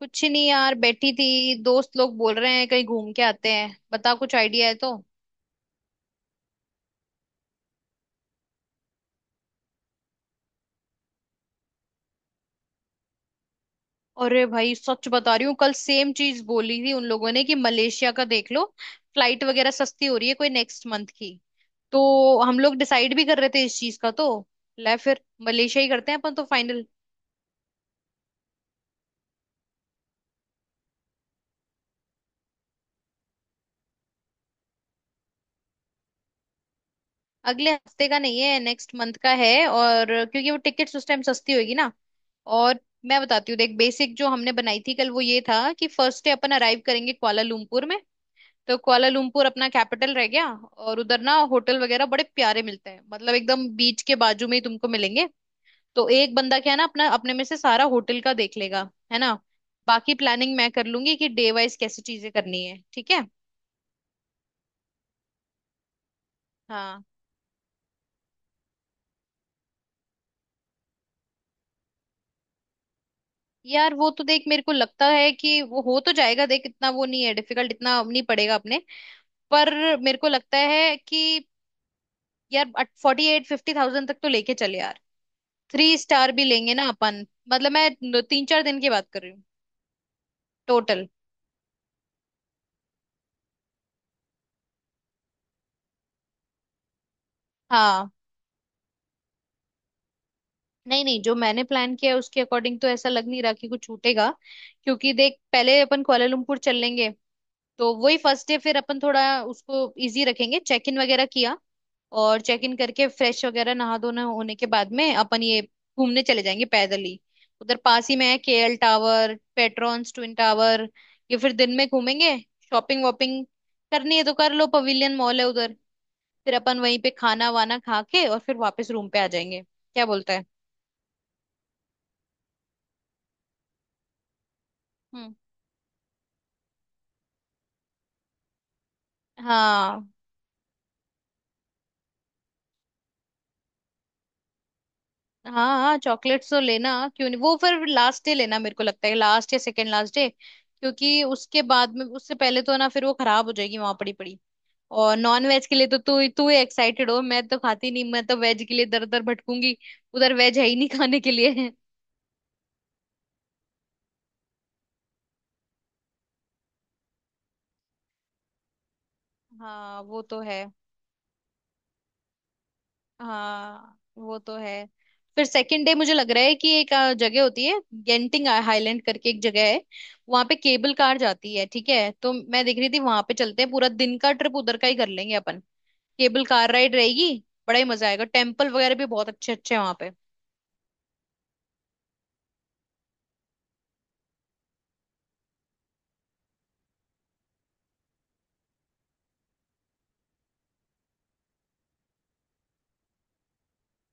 कुछ नहीं यार, बैठी थी। दोस्त लोग बोल रहे हैं कहीं घूम के आते हैं, बता कुछ आइडिया है तो। अरे भाई, सच बता रही हूँ, कल सेम चीज बोली थी उन लोगों ने कि मलेशिया का देख लो। फ्लाइट वगैरह सस्ती हो रही है कोई नेक्स्ट मंथ की। तो हम लोग डिसाइड भी कर रहे थे इस चीज का। तो ले फिर, मलेशिया ही करते हैं अपन, तो फाइनल। अगले हफ्ते का नहीं है, नेक्स्ट मंथ का है। और क्योंकि वो टिकट्स उस टाइम सस्ती होगी ना। और मैं बताती हूँ देख, बेसिक जो हमने बनाई थी कल, वो ये था कि फर्स्ट डे अपन अराइव करेंगे कुआलालंपुर में। तो कुआलालंपुर अपना कैपिटल रह गया, और उधर ना होटल वगैरह बड़े प्यारे मिलते हैं, मतलब एकदम बीच के बाजू में ही तुमको मिलेंगे। तो एक बंदा क्या है ना, अपना अपने में से सारा होटल का देख लेगा, है ना। बाकी प्लानिंग मैं कर लूंगी कि डे वाइज कैसी चीजें करनी है, ठीक है। हाँ। यार वो तो देख, मेरे को लगता है कि वो हो तो जाएगा, देख इतना वो नहीं है डिफिकल्ट, इतना नहीं पड़ेगा अपने। पर मेरे को लगता है कि यार 40-50 थाउजेंड तक तो लेके चले यार। थ्री स्टार भी लेंगे ना अपन। मतलब मैं 3-4 दिन की बात कर रही हूँ, टोटल। हाँ। नहीं नहीं, जो मैंने प्लान किया है उसके अकॉर्डिंग तो ऐसा लग नहीं रहा कि कुछ छूटेगा। क्योंकि देख पहले अपन कुआलालंपुर चल लेंगे। तो वही फर्स्ट डे फिर अपन थोड़ा उसको इजी रखेंगे, चेक इन वगैरह किया। और चेक इन करके फ्रेश वगैरह नहा धोना होने के बाद में अपन ये घूमने चले जाएंगे पैदल ही। उधर पास ही में है KL tower, Petronas twin tower. ये फिर दिन में घूमेंगे। शॉपिंग वॉपिंग करनी है तो कर लो, पवेलियन मॉल है उधर। फिर अपन वहीं पे खाना वाना खा के और फिर वापस रूम पे आ जाएंगे, क्या बोलता है। हाँ। हाँ, हाँ चॉकलेट्स तो लेना, क्यों नहीं। वो फिर लास्ट डे लेना, मेरे को लगता है लास्ट या सेकेंड लास्ट डे, क्योंकि उसके बाद में, उससे पहले तो ना फिर वो खराब हो जाएगी वहां पड़ी पड़ी। और नॉन वेज के लिए तो तू तू ही एक्साइटेड हो, मैं तो खाती नहीं, मैं तो वेज के लिए दर दर भटकूंगी। उधर वेज है ही नहीं खाने के लिए। हाँ वो तो है। हाँ वो तो है। फिर सेकंड डे मुझे लग रहा है कि एक जगह होती है, गेंटिंग हाईलैंड करके एक जगह है। वहां पे केबल कार जाती है, ठीक है, तो मैं देख रही थी वहां पे चलते हैं, पूरा दिन का ट्रिप उधर का ही कर लेंगे अपन। केबल कार राइड रहेगी, बड़ा ही मजा आएगा। टेम्पल वगैरह भी बहुत अच्छे अच्छे हैं वहां पे।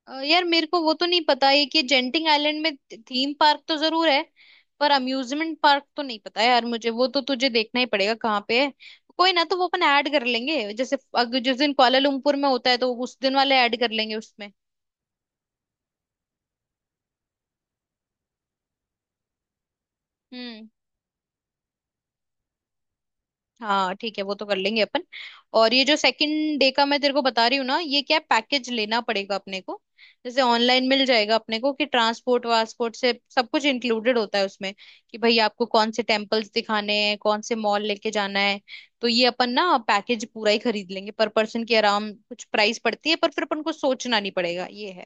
यार मेरे को वो तो नहीं पता है कि जेंटिंग आइलैंड में थीम पार्क तो जरूर है, पर अम्यूजमेंट पार्क तो नहीं पता यार मुझे, वो तो तुझे देखना ही पड़ेगा कहाँ पे है। कोई ना, तो वो अपन ऐड कर लेंगे, जैसे जिस दिन कुआलालंपुर में होता है तो उस दिन वाले ऐड कर लेंगे उसमें। हम्म। हाँ ठीक है, वो तो कर लेंगे अपन। और ये जो सेकंड डे का मैं तेरे को बता रही हूँ ना, ये क्या, पैकेज लेना पड़ेगा अपने को। जैसे ऑनलाइन मिल जाएगा अपने को कि ट्रांसपोर्ट वासपोर्ट से सब कुछ इंक्लूडेड होता है उसमें, कि भाई आपको कौन से टेम्पल्स दिखाने हैं, कौन से मॉल लेके जाना है। तो ये अपन ना पैकेज पूरा ही खरीद लेंगे, पर पर्सन की आराम कुछ प्राइस पड़ती है, पर फिर अपन को सोचना नहीं पड़ेगा, ये है।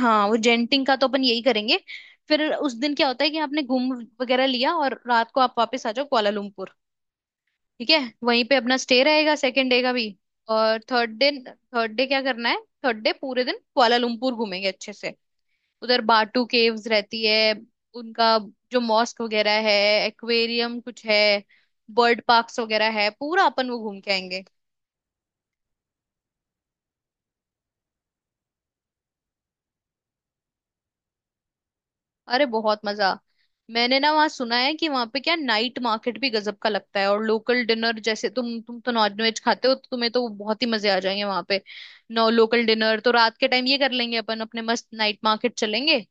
हाँ वो जेंटिंग का तो अपन यही करेंगे। फिर उस दिन क्या होता है कि आपने घूम वगैरह लिया और रात को आप वापस आ जाओ कुआलालंपुर, ठीक है। वहीं पे अपना स्टे रहेगा सेकेंड डे का भी। और थर्ड डे, थर्ड डे क्या करना है, थर्ड डे पूरे दिन कुआलालंपुर घूमेंगे अच्छे से। उधर बाटू केव्स रहती है उनका, जो मॉस्क वगैरह है, एक्वेरियम कुछ है, बर्ड पार्क्स वगैरह है, पूरा अपन वो घूम के आएंगे। अरे बहुत मजा। मैंने ना वहाँ सुना है कि वहाँ पे क्या नाइट मार्केट भी गजब का लगता है, और लोकल डिनर, जैसे तुम तो नॉन वेज खाते हो तो तुम्हें तो बहुत ही मजे आ जाएंगे वहाँ पे। नो, लोकल डिनर तो रात के टाइम ये कर लेंगे अपन, अपने मस्त नाइट मार्केट चलेंगे,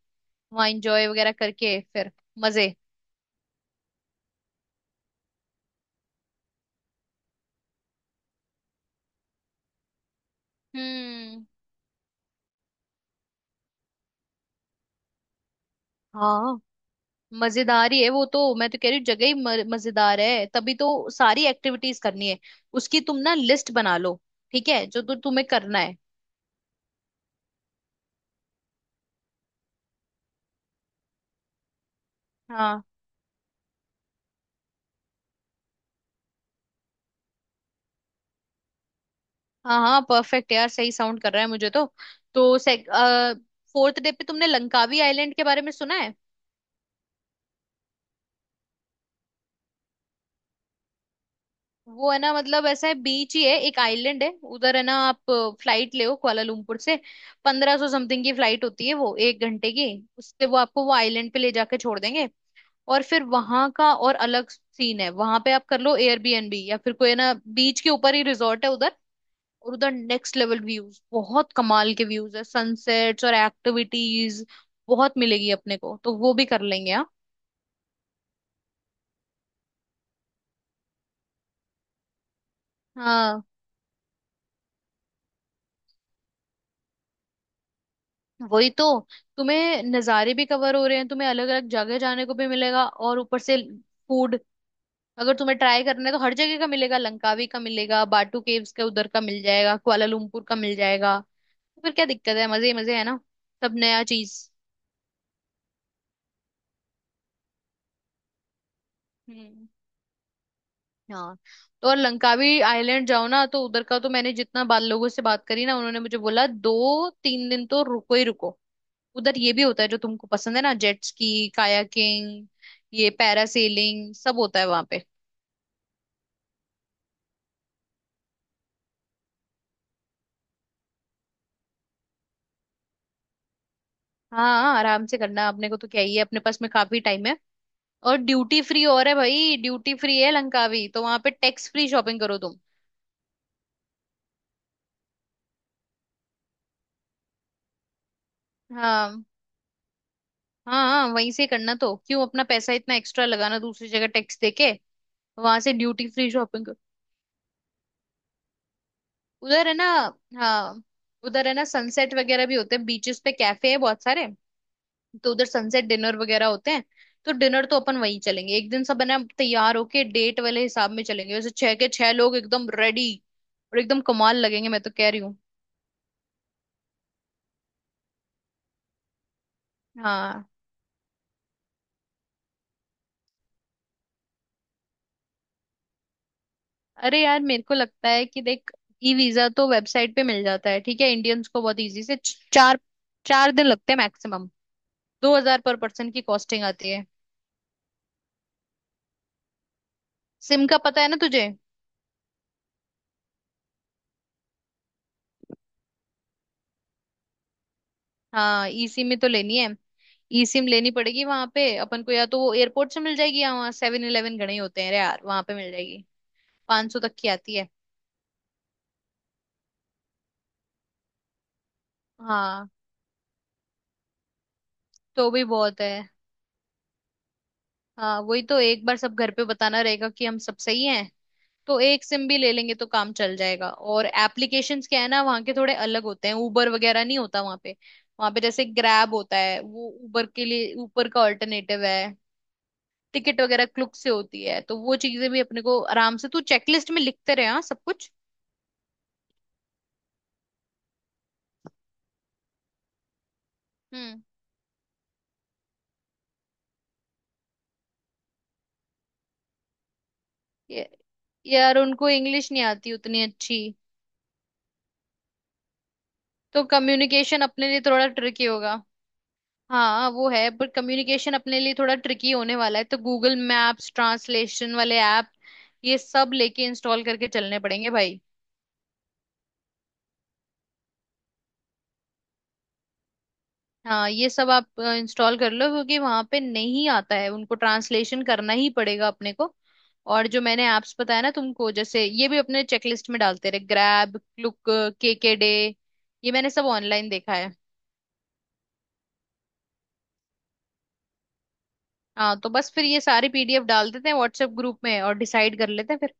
वहाँ एंजॉय वगैरह करके फिर, मजे। हम्म। हाँ, मजेदार ही है वो तो, मैं तो कह रही हूँ जगह ही मजेदार है तभी तो। सारी एक्टिविटीज करनी है उसकी, तुम ना लिस्ट बना लो, ठीक है, जो तो तुम्हें करना है। हाँ। हाँ हाँ परफेक्ट यार, सही साउंड कर रहा है मुझे तो। तो फोर्थ डे पे तुमने लंकावी आइलैंड के बारे में सुना है? वो है ना, मतलब ऐसा है बीच ही है, एक आइलैंड है उधर, है ना। आप फ्लाइट ले हो कुआलालंपुर से, 1500 समथिंग की फ्लाइट होती है वो, 1 घंटे की। उससे वो आपको वो आइलैंड पे ले जाके छोड़ देंगे। और फिर वहां का और अलग सीन है, वहां पे आप कर लो एयरबीएनबी या फिर कोई है ना, बीच के ऊपर ही रिजॉर्ट है उधर। और उधर नेक्स्ट लेवल व्यूज, बहुत कमाल के व्यूज है, सनसेट्स, और एक्टिविटीज बहुत मिलेगी अपने को, तो वो भी कर लेंगे, हाँ। हाँ वही तो, तुम्हें नज़ारे भी कवर हो रहे हैं, तुम्हें अलग अलग जगह जाने को भी मिलेगा, और ऊपर से फूड, अगर तुम्हें ट्राई करना है तो हर जगह का मिलेगा, लंकावी का मिलेगा, बाटू केव्स का उधर का मिल जाएगा, कुआलालंपुर का मिल जाएगा। तो फिर क्या दिक्कत है, मजे ही मजे है ना, सब नया चीज। हम्म। हाँ तो और, लंकावी आइलैंड जाओ ना तो उधर का तो मैंने जितना बाल लोगों से बात करी ना, उन्होंने मुझे बोला 2-3 दिन तो रुको ही रुको। उधर ये भी होता है जो तुमको पसंद है ना, जेट स्की, कायाकिंग, ये पैरासेलिंग, सब होता है वहां पे। हाँ। हाँ, आराम से करना अपने को तो, क्या ही है, अपने पास में काफी टाइम है। और ड्यूटी फ्री, और है भाई ड्यूटी फ्री है लंकावी, तो वहां पे टैक्स फ्री शॉपिंग करो तुम। हाँ। हाँ, हाँ वहीं से करना, तो क्यों अपना पैसा इतना एक्स्ट्रा लगाना दूसरी जगह टैक्स देके, वहां से ड्यूटी फ्री शॉपिंग। उधर है ना। हाँ उधर है ना, सनसेट वगैरह भी होते हैं बीचेस पे, कैफे है बहुत सारे, तो उधर सनसेट डिनर वगैरह होते हैं। तो डिनर तो अपन वहीं चलेंगे एक दिन, सब है ना तैयार होके डेट वाले हिसाब में चलेंगे, वैसे छह के छह लोग एकदम रेडी और एकदम कमाल लगेंगे, मैं तो कह रही हूँ। हाँ। अरे यार मेरे को लगता है कि देख, ई वीजा तो वेबसाइट पे मिल जाता है, ठीक है, इंडियंस को बहुत इजी से, चार चार दिन लगते हैं मैक्सिमम। 2000 पर पर्सन की कॉस्टिंग आती है। सिम का पता है ना तुझे? हाँ ई सिम में तो लेनी है, ई सिम लेनी पड़ेगी वहां पे अपन को, या तो वो एयरपोर्ट से मिल जाएगी, या वहाँ 7-Eleven गणे होते हैं रे यार, वहां पे मिल जाएगी। 500 तक की आती है। हाँ तो भी बहुत है। हाँ वही तो, एक बार सब घर पे बताना रहेगा कि हम सब सही हैं, तो एक सिम भी ले लेंगे तो काम चल जाएगा। और एप्लीकेशंस क्या है ना वहाँ के थोड़े अलग होते हैं, उबर वगैरह नहीं होता वहाँ पे। वहाँ पे जैसे ग्रैब होता है वो, उबर के लिए ऊबर का ऑल्टरनेटिव है। टिकट वगैरह क्लुक से होती है, तो वो चीजें भी अपने को आराम से तू चेकलिस्ट में लिखते रहे, हाँ सब कुछ। हम्म। ये- यार उनको इंग्लिश नहीं आती उतनी अच्छी, तो कम्युनिकेशन अपने लिए थोड़ा ट्रिकी होगा। हाँ वो है पर कम्युनिकेशन अपने लिए थोड़ा ट्रिकी होने वाला है, तो गूगल मैप्स, ट्रांसलेशन वाले ऐप, ये सब लेके इंस्टॉल करके चलने पड़ेंगे भाई। हाँ ये सब आप इंस्टॉल कर लो, क्योंकि वहां पे नहीं आता है उनको, ट्रांसलेशन करना ही पड़ेगा अपने को। और जो मैंने ऐप्स बताया ना तुमको, जैसे ये भी अपने चेकलिस्ट में डालते रहे, ग्रैब, क्लुक, केके डे, ये मैंने सब ऑनलाइन देखा है। हाँ तो बस फिर ये सारी पीडीएफ डाल देते हैं व्हाट्सएप ग्रुप में और डिसाइड कर लेते हैं फिर।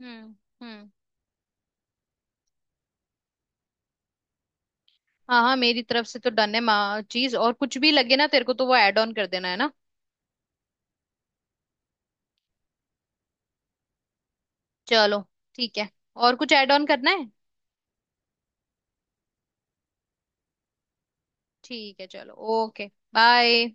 हम्म। हम्म, हाँ हाँ मेरी तरफ से तो डन है माँ चीज, और कुछ भी लगे ना तेरे को तो वो ऐड ऑन कर देना है ना। चलो ठीक है। और कुछ ऐड ऑन करना है? ठीक है चलो। ओके। बाय।